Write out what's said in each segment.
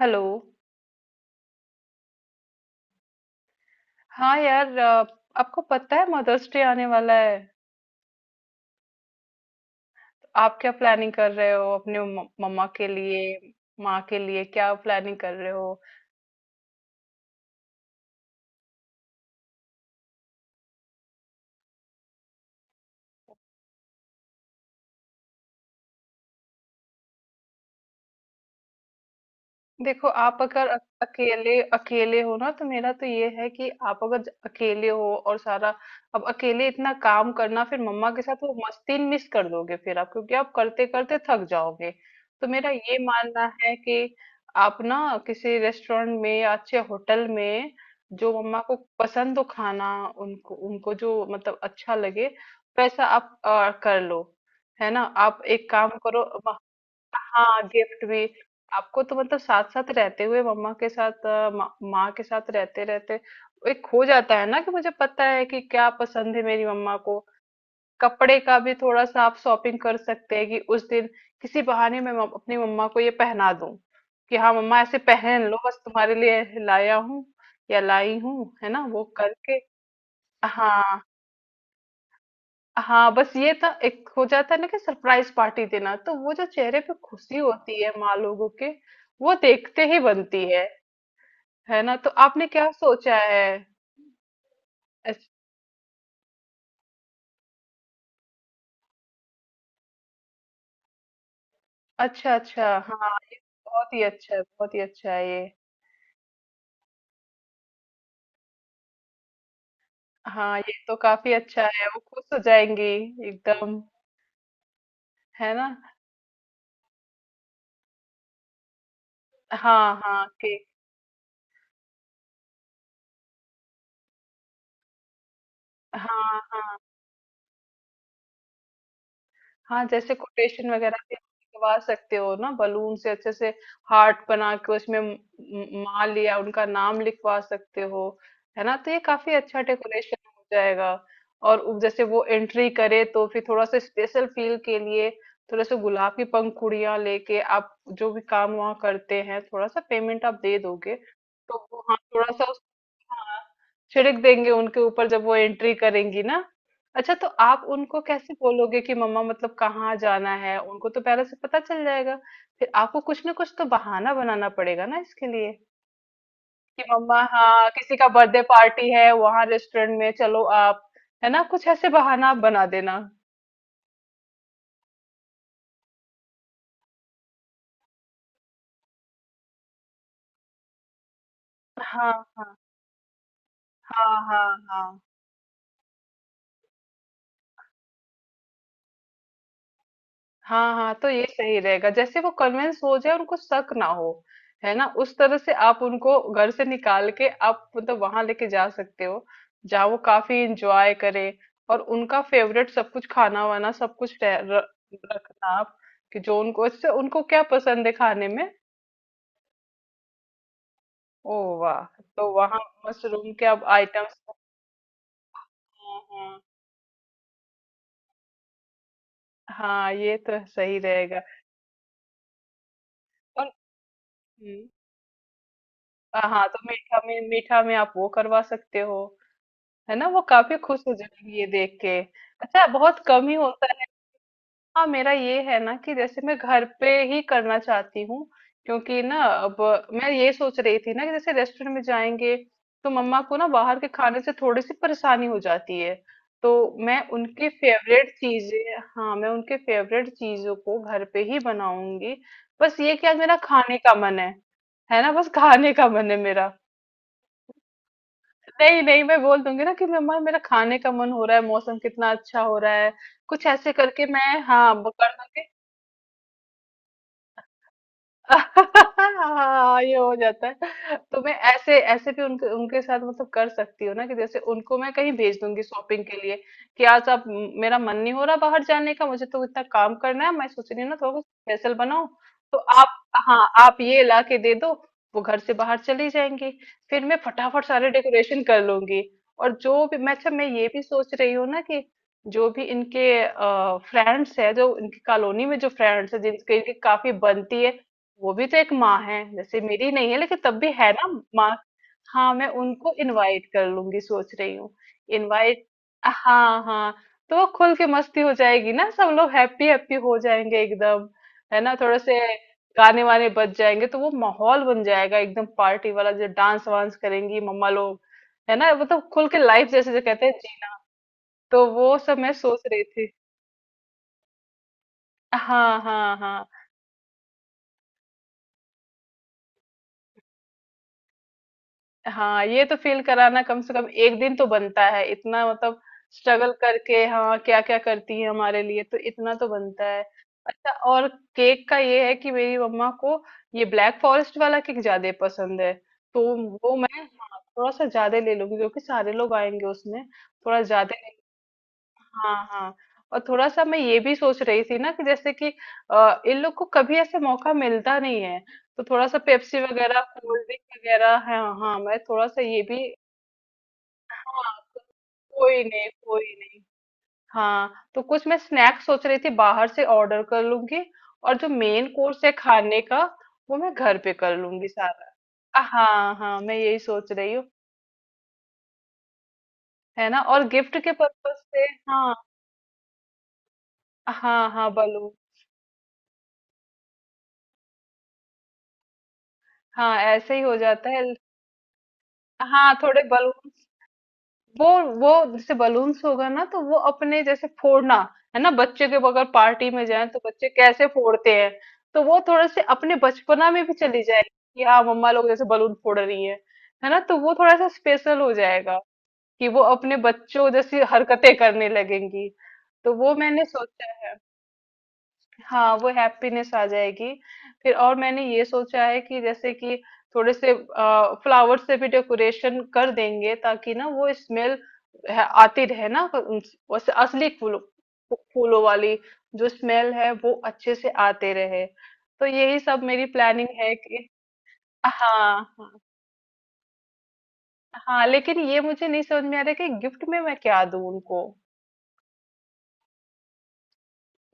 Hello. हाँ यार, आपको पता है मदर्स डे आने वाला है। तो आप क्या प्लानिंग कर रहे हो अपने मम्मा के लिए? माँ के लिए क्या प्लानिंग कर रहे हो? देखो, आप अगर अकेले अकेले हो ना, तो मेरा तो ये है कि आप अगर अकेले हो और सारा, अब अकेले इतना काम करना फिर मम्मा के साथ वो मस्ती मिस कर दोगे फिर आप, क्योंकि आप करते करते थक जाओगे। तो मेरा ये मानना है कि आप ना किसी रेस्टोरेंट में या अच्छे होटल में, जो मम्मा को पसंद हो खाना, उनको उनको जो मतलब अच्छा लगे वैसा आप कर लो। है ना? आप एक काम करो। हाँ, गिफ्ट भी। आपको तो मतलब साथ साथ रहते हुए मम्मा के साथ, माँ के साथ रहते रहते, एक खो जाता है ना कि मुझे पता है कि क्या पसंद है मेरी मम्मा को। कपड़े का भी थोड़ा सा आप शॉपिंग कर सकते हैं कि उस दिन किसी बहाने मैं अपनी मम्मा को ये पहना दूं कि हाँ मम्मा ऐसे पहन लो, बस तुम्हारे लिए लाया हूँ या लाई हूँ, है ना? वो करके। हाँ, हाँ। बस ये था, एक हो जाता है ना कि सरप्राइज पार्टी देना तो वो जो चेहरे पे खुशी होती है माँ लोगों के, वो देखते ही बनती है। है ना? तो आपने क्या सोचा है? अच्छ- अच्छा, अच्छा, हाँ ये बहुत ही अच्छा है, बहुत ही अच्छा है ये। हाँ, ये तो काफी अच्छा है, वो खुश हो जाएंगी। एकदम, है ना? हाँ, हाँ केक। हाँ, हाँ, हाँ। जैसे कोटेशन वगैरह भी करवा सकते हो ना, बलून से अच्छे से हार्ट बना के, उसमें माँ लिया उनका नाम लिखवा सकते हो। है ना? तो ये काफी अच्छा डेकोरेशन हो जाएगा। और जैसे वो एंट्री करे तो फिर थोड़ा सा स्पेशल फील के लिए थोड़ा सा गुलाब की पंखुड़ियां लेके, आप जो भी काम वहाँ करते हैं, थोड़ा सा पेमेंट आप दे दोगे तो वो, हाँ, थोड़ा सा हाँ, छिड़क देंगे उनके ऊपर जब वो एंट्री करेंगी ना। अच्छा, तो आप उनको कैसे बोलोगे कि मम्मा मतलब कहाँ जाना है? उनको तो पहले से पता चल जाएगा। फिर आपको कुछ ना कुछ तो बहाना बनाना पड़ेगा ना इसके लिए, कि मम्मा हाँ, किसी का बर्थडे पार्टी है वहाँ रेस्टोरेंट में, चलो आप, है ना? कुछ ऐसे बहाना आप बना देना। हाँ, हाँ। हाँ, हाँ, हाँ। हाँ, हाँ, तो ये सही रहेगा, जैसे वो कन्विंस हो जाए, उनको शक ना हो। है ना? उस तरह से आप उनको घर से निकाल के, आप मतलब वहां लेके जा सकते हो जहाँ वो काफी इंजॉय करे। और उनका फेवरेट सब कुछ, खाना वाना सब कुछ रखना आप, कि जो उनको इससे उनको क्या पसंद है खाने में। ओ, वाह! तो वहाँ मशरूम के अब आइटम्स। हाँ, हाँ। हाँ, ये तो सही रहेगा। और हम्म, हाँ तो मीठा में आप वो करवा सकते हो। है ना? वो काफी खुश हो जाएंगी ये देख के। अच्छा, बहुत कम ही होता है। हाँ, मेरा ये है ना कि जैसे मैं घर पे ही करना चाहती हूँ, क्योंकि ना, अब मैं ये सोच रही थी ना कि जैसे रेस्टोरेंट में जाएंगे तो मम्मा को ना बाहर के खाने से थोड़ी सी परेशानी हो जाती है। तो मैं उनके फेवरेट चीजें, हाँ, मैं उनके फेवरेट चीजों को घर पे ही बनाऊंगी। बस ये कि आज मेरा खाने का मन है। है ना? बस खाने का मन है मेरा। नहीं, नहीं, मैं बोल दूंगी ना कि मम्मा मेरा खाने का मन हो रहा है, मौसम कितना अच्छा हो रहा है, कुछ ऐसे करके मैं। हाँ, वो कर दूंगी। हाँ, ये हो जाता है, तो मैं ऐसे ऐसे भी उनके उनके साथ मतलब कर सकती हूँ ना कि जैसे उनको मैं कहीं भेज दूंगी शॉपिंग के लिए। कि आज आप, मेरा मन नहीं हो रहा बाहर जाने का, मुझे तो इतना काम करना है, मैं सोच रही हूँ ना, थोड़ा स्पेशल बनाओ तो आप। हाँ, आप ये ला के दे दो। वो घर से बाहर चली जाएंगी, फिर मैं फटाफट सारे डेकोरेशन कर लूंगी। और जो भी मैं, अच्छा, मैं ये भी सोच रही हूँ ना कि जो भी इनके फ्रेंड्स है, जो इनकी कॉलोनी में जो फ्रेंड्स है जिनके इनकी काफी बनती है, वो भी तो एक माँ है, जैसे मेरी नहीं है लेकिन तब भी है ना। माँ, हाँ, मैं उनको इनवाइट कर लूंगी, सोच रही हूँ। इनवाइट, हाँ, हाँ। तो वो खुल के मस्ती हो जाएगी ना, सब लोग हैप्पी हैप्पी हो जाएंगे एकदम। है ना? थोड़े से गाने वाने बज जाएंगे तो वो माहौल बन जाएगा एकदम पार्टी वाला, जो डांस वांस करेंगी मम्मा लोग। है ना? मतलब खुल के लाइफ, जैसे जो कहते हैं, जीना। तो वो सब मैं सोच रही थी। हाँ, हाँ, हाँ। हाँ, ये तो फ़ील कराना कम से कम 1 दिन तो बनता है। इतना मतलब स्ट्रगल करके हाँ, क्या-क्या करती है हमारे लिए, तो इतना तो बनता है। अच्छा, और केक का ये है कि मेरी मम्मा को ये ब्लैक फ़ॉरेस्ट वाला केक ज़्यादा पसंद है। तो वो मैं, हाँ, थोड़ा-सा ज़्यादा ले लूँगी क्योंकि सारे लोग आएँगे उसमें, थोड़ा ज़्यादा। हाँ, हाँ। और थोड़ा सा मैं ये भी सोच रही थी ना कि जैसे कि इन लोग को कभी ऐसे मौका मिलता नहीं है, तो थोड़ा सा पेप्सी वगैरह कोल्ड ड्रिंक वगैरह है, हाँ, मैं थोड़ा सा ये भी। हाँ, कोई नहीं, कोई नहीं। हाँ, तो कुछ मैं स्नैक्स सोच रही थी बाहर से ऑर्डर कर लूंगी, और जो मेन कोर्स है खाने का वो मैं घर पे कर लूंगी सारा। हाँ, हाँ, मैं यही सोच रही हूँ। है ना? और गिफ्ट के पर्पज से, हाँ। हाँ, हाँ बलून। हाँ ऐसे ही हो जाता है। हाँ थोड़े बलून, वो वो जैसे बलून्स होगा ना तो वो अपने जैसे फोड़ना। है ना? बच्चे के अगर पार्टी में जाए तो बच्चे कैसे फोड़ते हैं, तो वो थोड़े से अपने बचपना में भी चली जाएगी, कि हाँ मम्मा लोग जैसे बलून फोड़ रही है। है ना? तो वो थोड़ा सा स्पेशल हो जाएगा, कि वो अपने बच्चों जैसी हरकतें करने लगेंगी। तो वो मैंने सोचा है। हाँ, वो हैप्पीनेस आ जाएगी। फिर, और मैंने ये सोचा है कि जैसे कि थोड़े से फ्लावर से भी डेकोरेशन कर देंगे ताकि ना वो स्मेल आती रहे ना वैसे असली फूलों, फूलों वाली जो स्मेल है वो अच्छे से आते रहे। तो यही सब मेरी प्लानिंग है कि। हाँ, हाँ, हाँ। लेकिन ये मुझे नहीं समझ में आ रहा कि गिफ्ट में मैं क्या दूं उनको।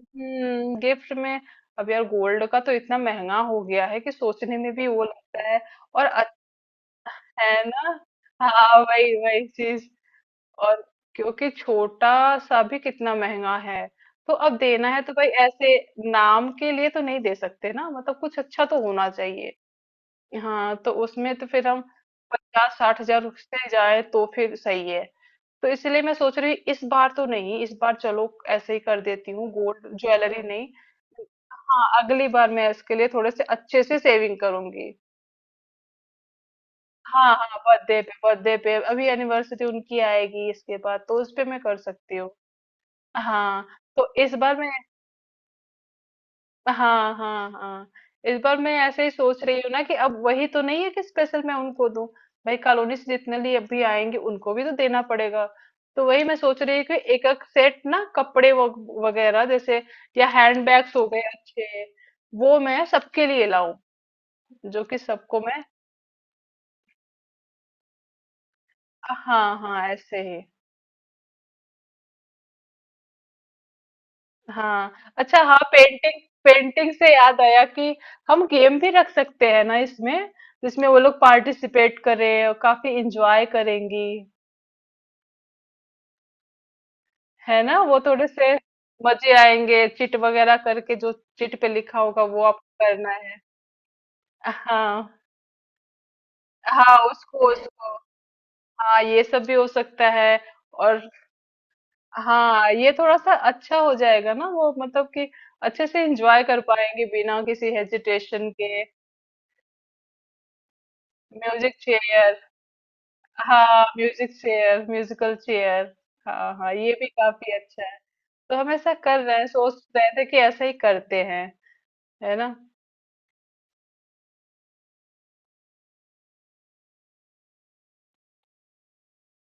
गिफ्ट में अब यार, गोल्ड का तो इतना महंगा हो गया है कि सोचने में भी वो लगता है। और अच्छा, है ना? हाँ वही वही चीज। और क्योंकि छोटा सा भी कितना महंगा है, तो अब देना है तो भाई, ऐसे नाम के लिए तो नहीं दे सकते ना मतलब, कुछ अच्छा तो होना चाहिए। हाँ तो उसमें तो फिर हम 50-60 हज़ार से जाए तो फिर सही है। तो इसलिए मैं सोच रही, इस बार तो नहीं, इस बार चलो ऐसे ही कर देती हूँ, गोल्ड ज्वेलरी नहीं। हाँ, अगली बार मैं इसके लिए थोड़े से अच्छे से सेविंग करूंगी। हाँ, हाँ, बर्थडे पे बर्थडे पे, अभी एनिवर्सरी उनकी आएगी इसके बाद तो उस पे मैं कर सकती हूँ। हाँ तो इस बार मैं। हाँ, हाँ, हाँ। इस बार मैं ऐसे ही सोच रही हूँ ना कि अब वही तो नहीं है कि स्पेशल मैं उनको दूं। भाई कॉलोनी से जितने लिए अभी आएंगे उनको भी तो देना पड़ेगा। तो वही मैं सोच रही हूँ कि एक एक सेट ना, कपड़े वगैरह जैसे, या हैंड बैग्स हो गए अच्छे, वो मैं सबके लिए लाऊं, जो कि सबको मैं। हाँ, हाँ, ऐसे ही। हाँ, अच्छा, हाँ पेंटिंग। पेंटिंग से याद आया कि हम गेम भी रख सकते हैं ना इसमें, जिसमें वो लोग पार्टिसिपेट करें और काफी इंजॉय करेंगी। है ना? वो थोड़े से मजे आएंगे, चिट वगैरह करके। जो चिट पे लिखा होगा वो आपको करना है। हाँ, हाँ, उसको उसको, हाँ, ये सब भी हो सकता है। और हाँ ये थोड़ा सा अच्छा हो जाएगा ना, वो मतलब कि अच्छे से एंजॉय कर पाएंगे बिना किसी हेजिटेशन के। म्यूजिक चेयर, हाँ, म्यूजिक चेयर, म्यूजिकल चेयर। हाँ, हाँ, ये भी काफ़ी अच्छा है। तो हम ऐसा कर रहे हैं, सोच रहे थे कि ऐसा ही करते हैं, है ना?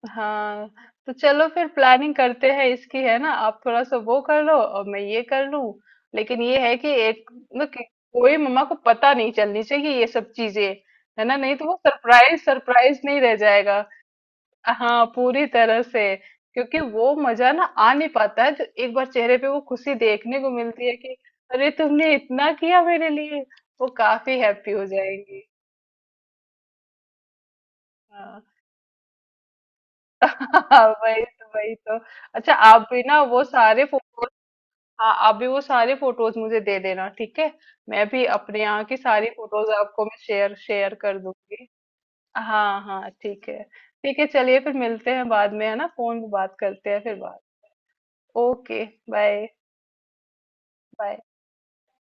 हाँ, तो चलो फिर प्लानिंग करते हैं इसकी, है ना? आप थोड़ा-सा वो कर लो और मैं ये कर लूँ। लेकिन ये है कि एक ना, कि कोई, मम्मा को पता नहीं चलनी चाहिए ये सब चीज़ें, है ना? नहीं तो वो सरप्राइज़ सरप्राइज़ नहीं रह जाएगा। हाँ पूरी तरह से। क्योंकि वो मजा ना आ नहीं पाता है, जो एक बार चेहरे पे वो खुशी देखने को मिलती है कि अरे तुमने इतना किया मेरे लिए, वो काफी हैप्पी हो जाएंगी। हाँ। वही तो, वही तो! अच्छा, आप भी ना वो सारे फोटोज, हाँ, आप भी वो सारे फोटोज मुझे दे देना, ठीक है? मैं भी अपने यहाँ की सारी फोटोज आपको मैं शेयर शेयर कर दूंगी। हाँ, हाँ, ठीक है, ठीक है, चलिए फिर मिलते हैं बाद में, है ना? फोन पे बात करते हैं, फिर बात। Okay, bye. बाय।